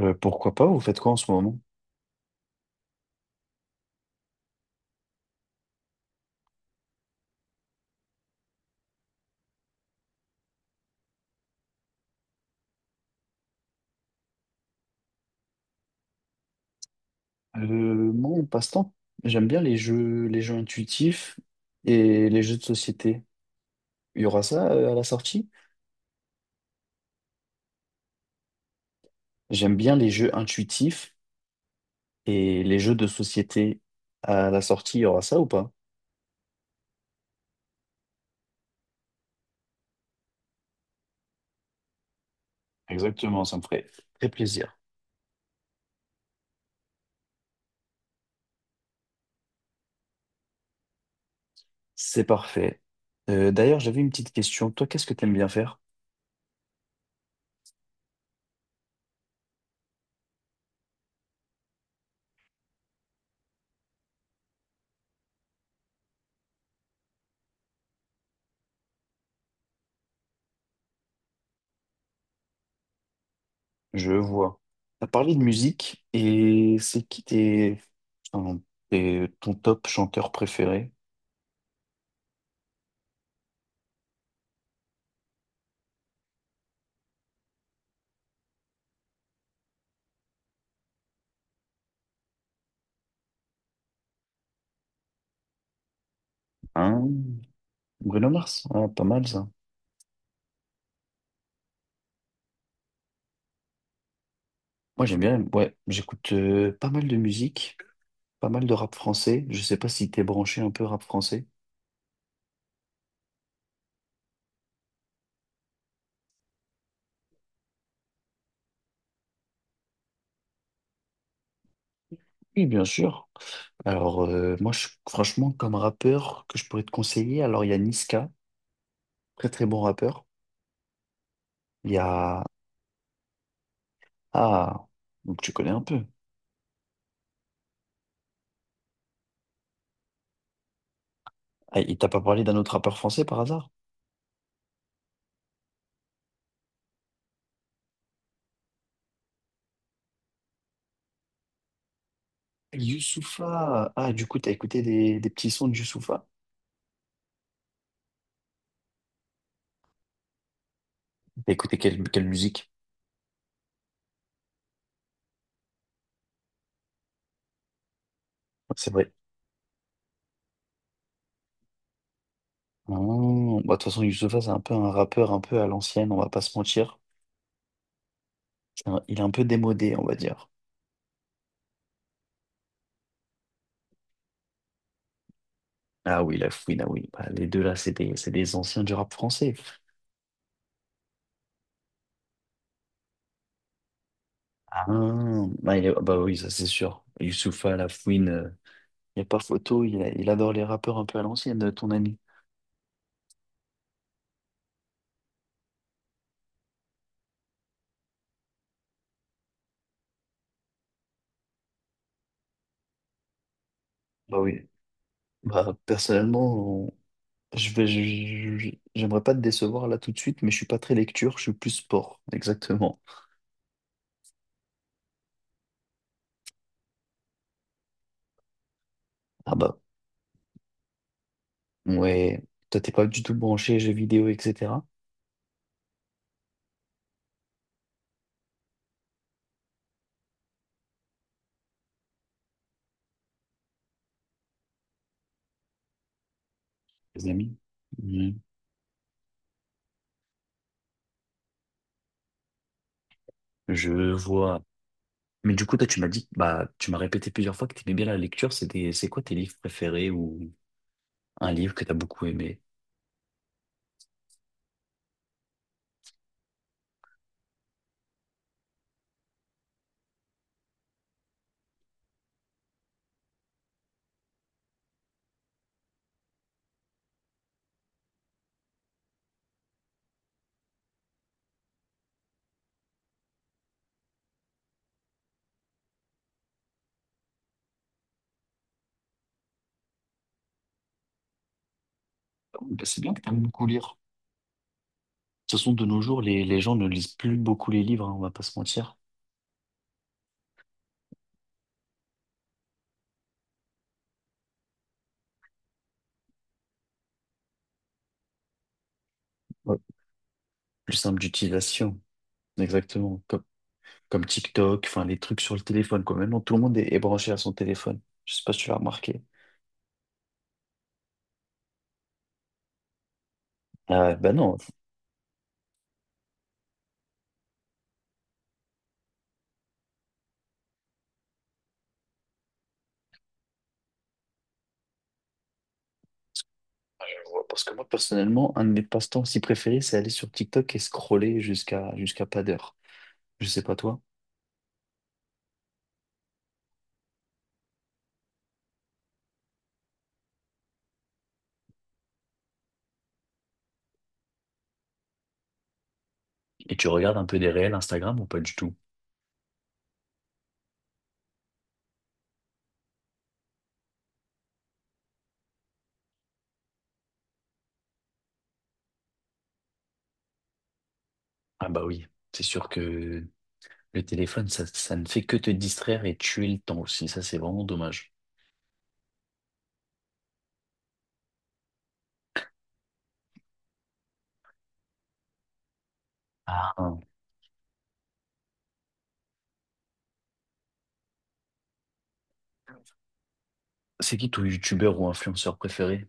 Pourquoi pas? Vous faites quoi en ce moment? Euh, Moi, en passe-temps, j'aime bien les jeux intuitifs et les jeux de société. Il y aura ça à la sortie? J'aime bien les jeux intuitifs et les jeux de société. À la sortie, il y aura ça ou pas? Exactement, ça me ferait très plaisir. C'est parfait. D'ailleurs, j'avais une petite question. Toi, qu'est-ce que t'aimes bien faire? Je vois. T'as parlé de musique et c'est qui tes, enfin, ton top chanteur préféré? Hein. Bruno Mars, ah, pas mal ça. Moi j'aime bien, ouais, j'écoute pas mal de musique, pas mal de rap français. Je sais pas si t'es branché un peu rap français. Oui, bien sûr. Alors franchement comme rappeur que je pourrais te conseiller, alors il y a Niska, très très bon rappeur. Il y a, ah, donc tu connais un peu. Ah, il t'a pas parlé d'un autre rappeur français par hasard? Youssoupha. Ah, du coup t'as écouté des petits sons de Youssoupha. T'as écouté quelle musique? C'est vrai. Oh, bah, de toute façon, Youssoupha, c'est un peu un rappeur un peu à l'ancienne, on va pas se mentir. Il est un peu démodé, on va dire. Ah oui, la fouine, ah oui. Bah, les deux là, c'est des anciens du rap français. Ah, bah, bah oui, ça c'est sûr. Youssoupha, la fouine, il n'y a pas photo, il adore les rappeurs un peu à l'ancienne, ton ami. Bah oui. Bah personnellement, je vais, je- j'aimerais pas te décevoir là tout de suite, mais je suis pas très lecture, je suis plus sport, exactement. Ah bah, ouais. Toi, t'es pas du tout branché jeux vidéo, etc. Les amis? Mhm. Je vois. Mais du coup, toi, tu m'as dit, bah, tu m'as répété plusieurs fois que tu aimais bien la lecture. C'est quoi tes livres préférés ou un livre que tu as beaucoup aimé? Oh, bah, c'est bien que tu aimes beaucoup lire. De toute façon, de nos jours, les gens ne lisent plus beaucoup les livres, hein, on va pas se mentir. Ouais. Plus simple d'utilisation. Exactement. Comme TikTok, enfin les trucs sur le téléphone, quoi. Maintenant, tout le monde est branché à son téléphone. Je sais pas si tu l'as remarqué. Ah, ben non, parce que moi, personnellement, un de mes passe-temps si préférés, c'est aller sur TikTok et scroller jusqu'à pas d'heure. Je sais pas toi. Et tu regardes un peu des réels Instagram ou pas du tout? Ah bah oui, c'est sûr que le téléphone, ça ne fait que te distraire et tuer le temps aussi. Ça, c'est vraiment dommage. Ah, hein. C'est qui ton youtubeur ou influenceur préféré?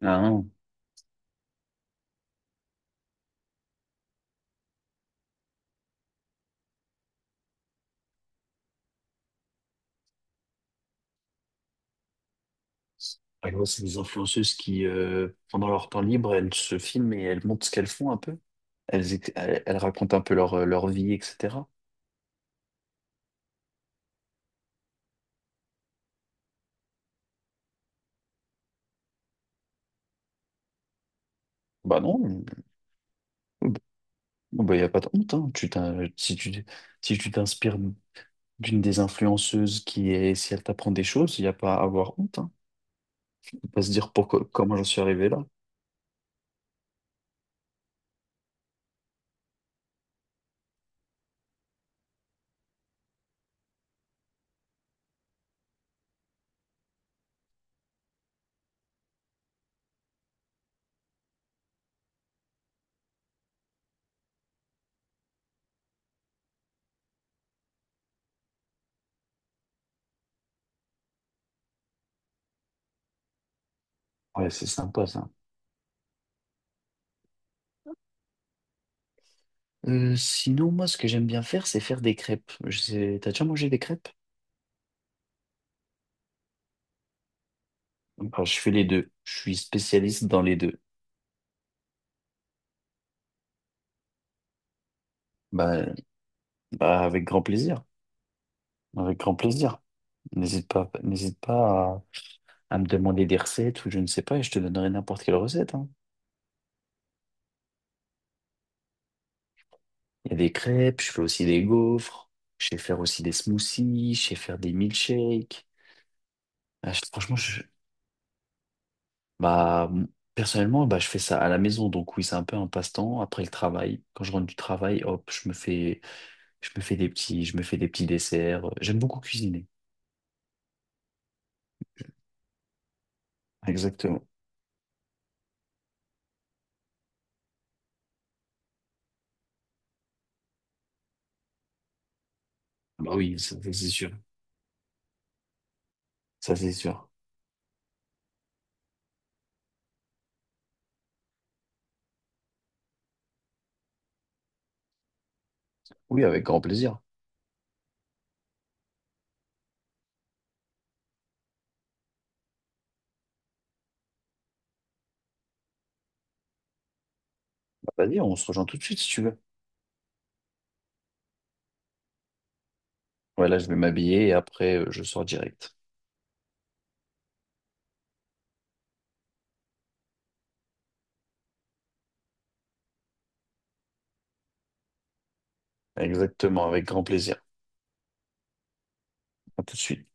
Ah, hein. Par exemple, c'est des influenceuses qui, pendant leur temps libre, elles se filment et elles montrent ce qu'elles font un peu. Elles elles racontent un peu leur, leur vie, etc. Bah non, mmh, bon, bah, il n'y a pas de honte, hein. Si tu, si tu t'inspires d'une des influenceuses qui est, si elle t'apprend des choses, il n'y a pas à avoir honte. Hein. Faut pas se dire pourquoi, comment j'en suis arrivé là. Ouais, c'est sympa ça. Sinon, moi, ce que j'aime bien faire, c'est faire des crêpes. Je sais, t'as déjà mangé des crêpes? Bah, je fais les deux. Je suis spécialiste dans les deux. Bah, bah, avec grand plaisir. Avec grand plaisir. N'hésite pas à me demander des recettes ou je ne sais pas et je te donnerai n'importe quelle recette, hein. Il y a des crêpes, je fais aussi des gaufres, je sais faire aussi des smoothies, je sais faire des milkshakes. Franchement, bah, personnellement, bah, je fais ça à la maison. Donc oui, c'est un peu un passe-temps après le travail. Quand je rentre du travail, hop, je me fais des petits desserts. J'aime beaucoup cuisiner. Exactement. Bah oui, ça, c'est sûr. Ça, c'est sûr. Oui, avec grand plaisir. Bah, vas-y, on se rejoint tout de suite si tu veux. Ouais, là, je vais m'habiller et après, je sors direct. Exactement, avec grand plaisir. À tout de suite.